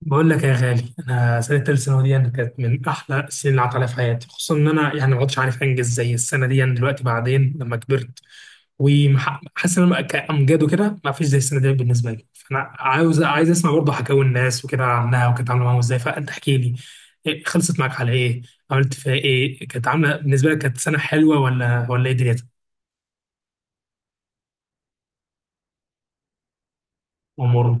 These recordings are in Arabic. بقول لك يا غالي، انا سنه ثالث ثانوي دي يعني كانت من احلى السنين اللي عدت عليا في حياتي، خصوصا ان انا ما عدتش عارف انجز زي السنه دي. يعني دلوقتي بعدين لما كبرت وحاسس ان انا كامجاد وكده، ما فيش زي السنه دي بالنسبه لي. فانا عايز اسمع برضه حكاوي الناس وكده عنها وكانت عامله معاهم ازاي. فانت احكي لي إيه، خلصت معاك على ايه؟ عملت فيها ايه؟ كانت عامله بالنسبه لك كانت سنه حلوه ولا ايه؟ دنيتك، امورك؟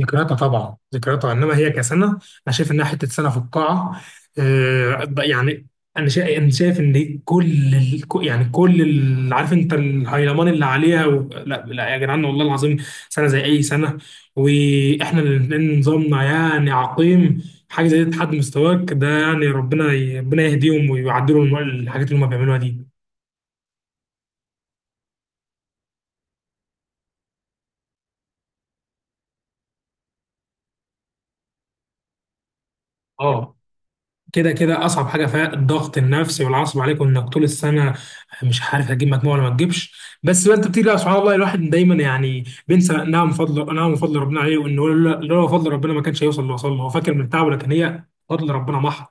ذكرياتها طبعا، ذكرياتها. انما هي كسنه انا شايف انها حته سنه في القاعه. يعني انا شايف ان كل ال- كو- يعني كل ال- عارف انت الهيلمان اللي عليها لا يا جدعان والله العظيم، سنه زي اي سنه. واحنا الاثنين نظامنا يعني عقيم. حاجه زي دي تحد مستواك ده. يعني ربنا ربنا يهديهم ويعدلهم الحاجات اللي هم بيعملوها دي. اه، كده كده اصعب حاجه فيها الضغط النفسي والعصب عليك، وانك طول السنه مش عارف هتجيب مجموع ولا ما تجيبش. بس بقى انت بتيجي، لا، سبحان الله، الواحد دايما يعني بينسى انها من فضل ربنا عليه، وان لولا فضل ربنا ما كانش هيوصل اللي وصل له. هو فاكر من تعبه، لكن هي فضل ربنا محض.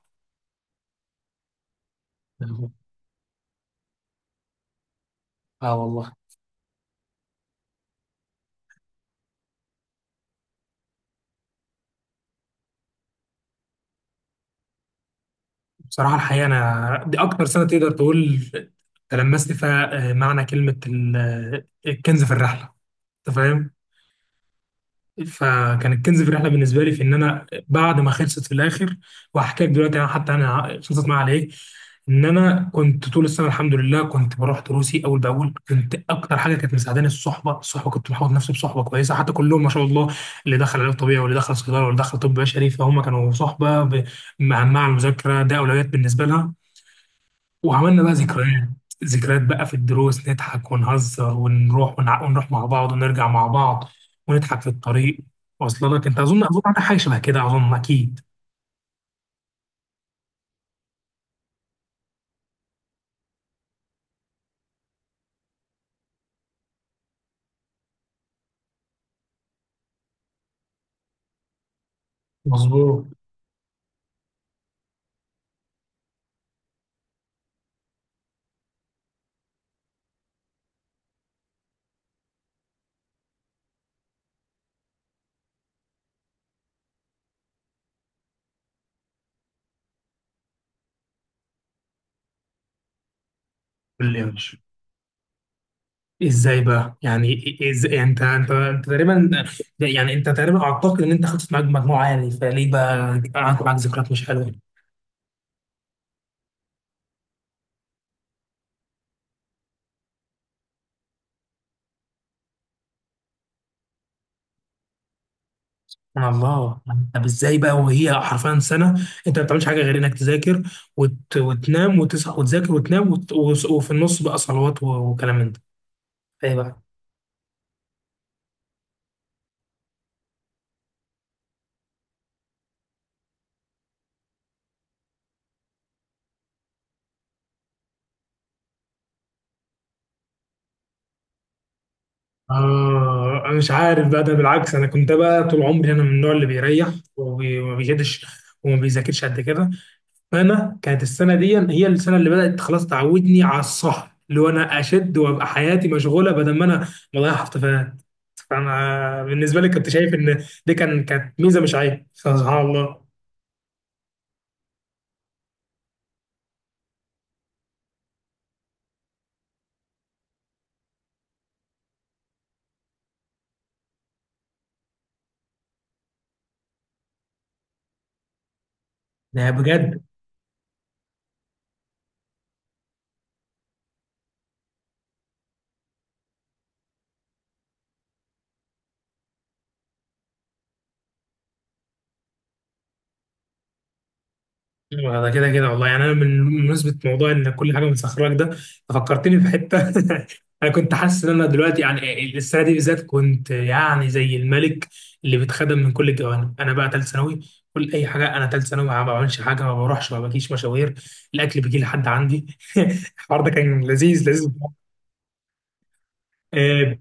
اه والله. بصراحه الحقيقه انا دي اكتر سنه تقدر تقول تلمست فيها معنى كلمه الكنز في الرحله. انت فاهم؟ فكان الكنز في الرحله بالنسبه لي في ان انا بعد ما خلصت في الاخر. وهحكي لك دلوقتي انا، حتى انا خلصت معايا على ايه. ان انا كنت طول السنه الحمد لله كنت بروح دروسي اول باول. كنت اكتر حاجه كانت مساعداني الصحبه. كنت محوط نفسي بصحبه كويسه حتى كلهم ما شاء الله، اللي دخل علاج طبيعي، واللي دخل صيدله، واللي دخل طب بشري. فهم كانوا صحبه مهمه على المذاكره، ده اولويات بالنسبه لها. وعملنا بقى ذكريات، ذكريات بقى في الدروس، نضحك ونهزر ونروح ونروح مع بعض ونرجع مع بعض ونضحك في الطريق. واصل لك انت، اظن عندك حاجه شبه كده، اظن اكيد. مظبوط. قول لي يا باشا. ازاي بقى؟ يعني ازاي انت تقريبا، يعني انت تقريبا اعتقد ان انت خدت معاك مجموعه عالي، فليه بقى قعدت معاك ذكريات مش حلوه؟ سبحان الله. طب ازاي بقى وهي حرفيا سنه انت ما بتعملش حاجه غير انك تذاكر وتنام وتصحى وتذاكر وتنام وفي النص بقى صلوات وكلام من ده؟ ايه بقى؟ آه، أنا مش عارف بقى. ده بالعكس، أنا كنت بقى طول عمري أنا من النوع اللي بيريح وما بيجدش وما بيذاكرش قد كده. فانا كانت السنه دي هي السنه اللي بدات خلاص تعودني على السهر، اللي هو انا اشد وابقى حياتي مشغوله بدل ما انا بضيع حفلات. فانا بالنسبه لي كنت شايف ان دي كانت ميزه مش عيب، سبحان الله. ده بجد. ايوه، ده كده كده والله. يعني انا من بمناسبه موضوع ان كل حاجه مسخرك ده، فكرتني في حته انا كنت حاسس ان انا دلوقتي، يعني السنه دي بالذات، كنت يعني زي الملك اللي بيتخدم من كل الجوانب. انا بقى ثالث ثانوي، كل اي حاجه انا ثالث ثانوي، ما بعملش حاجه، ما بروحش ما باجيش مشاوير، الاكل بيجي لحد عندي. الحوار ده كان لذيذ لذيذ. آه،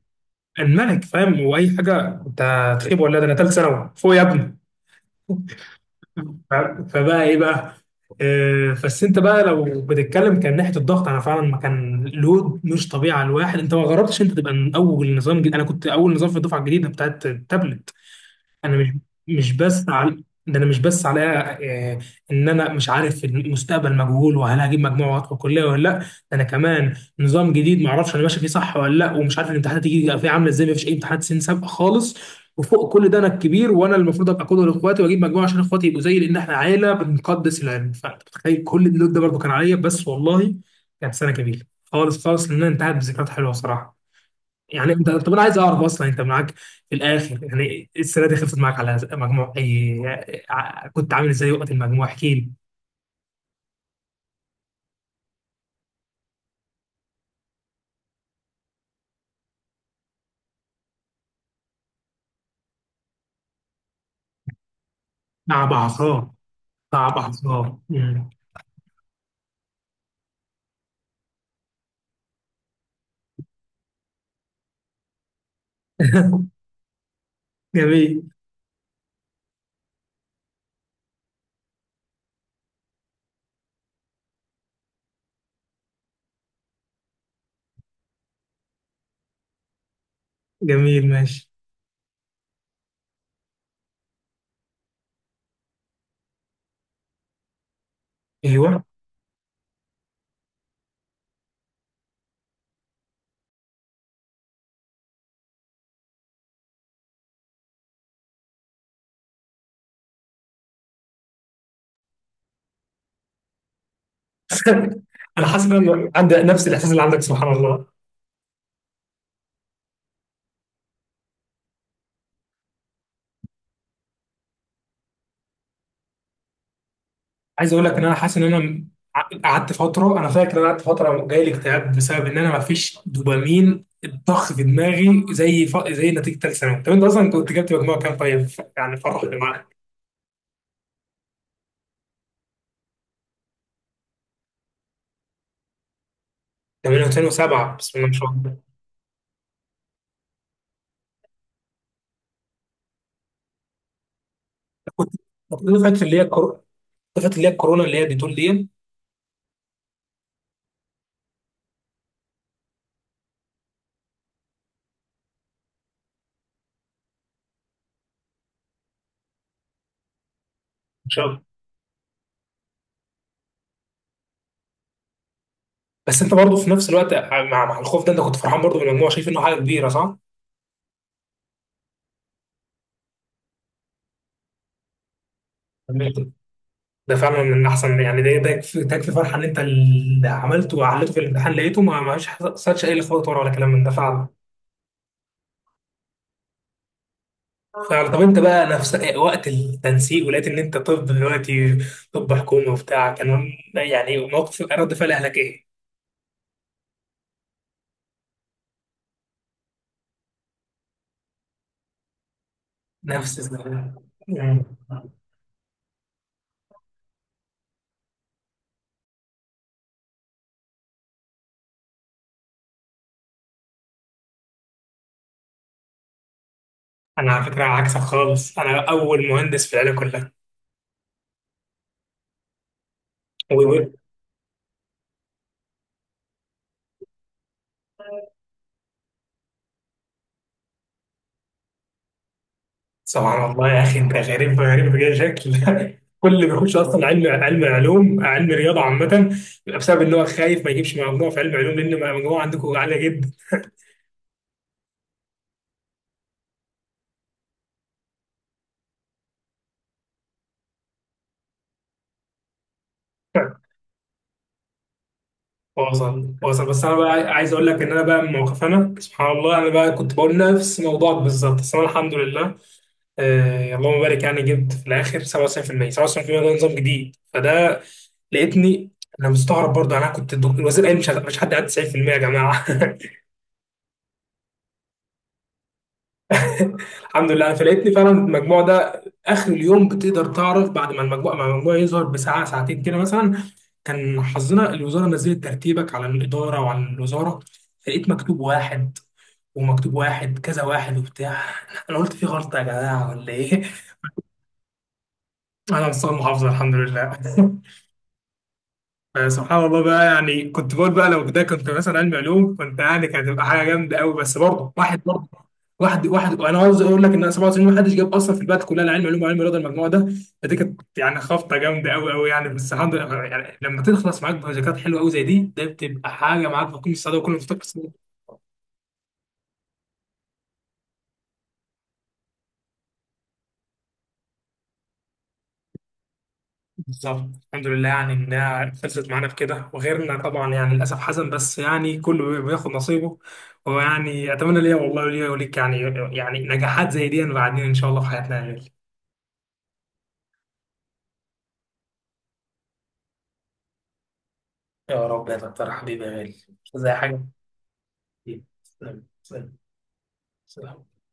الملك، فاهم؟ واي حاجه انت تخيب ولا، ده انا ثالث ثانوي فوق يا ابني. ف- فبقى ايه بقى؟ آه، بس انت بقى لو بتتكلم كان ناحيه الضغط، انا فعلا ما كان لود مش طبيعي على الواحد. انت ما جربتش انت تبقى من اول نظام جديد. انا كنت اول نظام في الدفعه الجديده بتاعت التابلت. انا مش مش بس على ده انا مش بس على آه، ان انا مش عارف المستقبل مجهول، وهل هجيب مجموع وادخل كليه ولا لا؟ ده انا كمان نظام جديد، ما اعرفش انا ماشي فيه صح ولا لا، ومش عارف الامتحانات هتيجي فيه عامله ازاي، ما فيش اي امتحانات سنين سابقه خالص. وفوق كل ده انا الكبير وانا المفروض ابقى قدوه لاخواتي واجيب مجموع عشان اخواتي يبقوا زيي، لان احنا عائله بنقدس العلم. فانت متخيل كل اللود ده برضه كان عليا. بس والله كانت سنه جميله خالص خالص، لان أنا انتهت بذكريات حلوه صراحه. يعني انت، طب انا عايز اعرف اصلا انت معاك في الاخر، يعني السنه دي خلصت معاك على مجموع اي؟ كنت عامل ازاي وقت المجموع؟ احكي لي. صعب عصام، صعب عصام، جميل. جميل، ماشي. ايوه. انا حاسس ان انا عندي نفس الاحساس اللي عندك، سبحان الله. عايز اقول لك ان انا حاسس ان انا قعدت فتره، انا فاكر ان انا قعدت فتره جاي لي اكتئاب بسبب ان انا ما فيش دوبامين الضخ في دماغي زي زي نتيجه ثالث ثانوي. طب انت اصلا كنت جبت مجموع كام طيب؟ يعني فرحت معاك. ده من 2007، بسم الله ما شاء الله. كنت كنت دفعه اللي هي الكورونا، دفعه اللي هي الكورونا اللي هي بتقول دي، ان شاء الله. بس انت برضه في نفس الوقت، مع الخوف ده انت كنت فرحان برضه بالمجموع، شايف انه حاجه كبيره صح؟ كملت. ده فعلا من احسن. يعني ده ده يكفي، ده يكفي فرحه ان انت اللي عملته وعلته في الامتحان لقيته، ما ما فيش حصلش اي لخبطه ورا ولا كلام من ده، فعلا. فعلا. طب انت بقى نفس وقت التنسيق، ولقيت ان انت طب دلوقتي، طب حكومه وبتاع، كان يعني موقف رد فعل اهلك ايه؟ نفس الزمن. انا على فكره عكسك خالص، انا اول مهندس في العيله كلها. و- و- سبحان الله يا اخي، انت غريب غريب بجد شكل. كل اللي بيخش اصلا علم، علم علوم، علم رياضه عامه، بسبب ان هو خايف ما يجيبش مجموع في علم علوم لان المجموع عندكم عاليه جدا. واصل، واصل. بس انا بقى عايز اقول لك ان انا بقى من موقف، انا سبحان الله، انا بقى كنت بقول نفس موضوعك بالظبط، بس انا الحمد لله، آه، اللهم بارك، يعني جبت في الاخر 97% 97%. ده نظام جديد، فده لقيتني. انا مستغرب برضه، يعني انا كنت الدكتور الوزير قال مش مش حد قاعد 90% يا جماعه. الحمد لله، فلقيتني فعلا المجموع ده اخر اليوم، بتقدر تعرف بعد ما المجموع يظهر بساعه ساعتين كده مثلا. كان حظنا الوزاره نزلت ترتيبك على الاداره وعلى الوزاره. لقيت مكتوب واحد، ومكتوب واحد، كذا واحد وبتاع. انا قلت في غلطه يا جماعه ولا ايه؟ انا مستوى المحافظه الحمد لله. آه، سبحان الله بقى. يعني كنت بقول بقى لو ده كنت مثلا علمي علوم، كنت يعني كانت هتبقى حاجه جامده قوي. بس برضه واحد، برضه واحد، واحد. انا عاوز اقول لك ان 97 ما حدش جاب اصلا في البلد كلها، لا علم علوم وعلم رياضه، المجموعه ده. فدي كانت يعني خبطه جامده قوي قوي يعني. بس الحمد لله يعني، لما تخلص معاك بروجكتات حلوه قوي زي دي، ده بتبقى حاجه معاك بكل السعاده وكل مفتقد. بالظبط، الحمد لله. يعني انها خلصت معانا بكده، وغيرنا طبعا يعني للاسف حزن، بس يعني كله بياخد نصيبه. ويعني اتمنى ليا والله، وليا وليك يعني، يعني نجاحات زي دي بعدين ان شاء الله في حياتنا يا غالي. يا رب يا دكتور، حبيبي يا غالي. مش زي حاجه. سلام، سلام، سلام.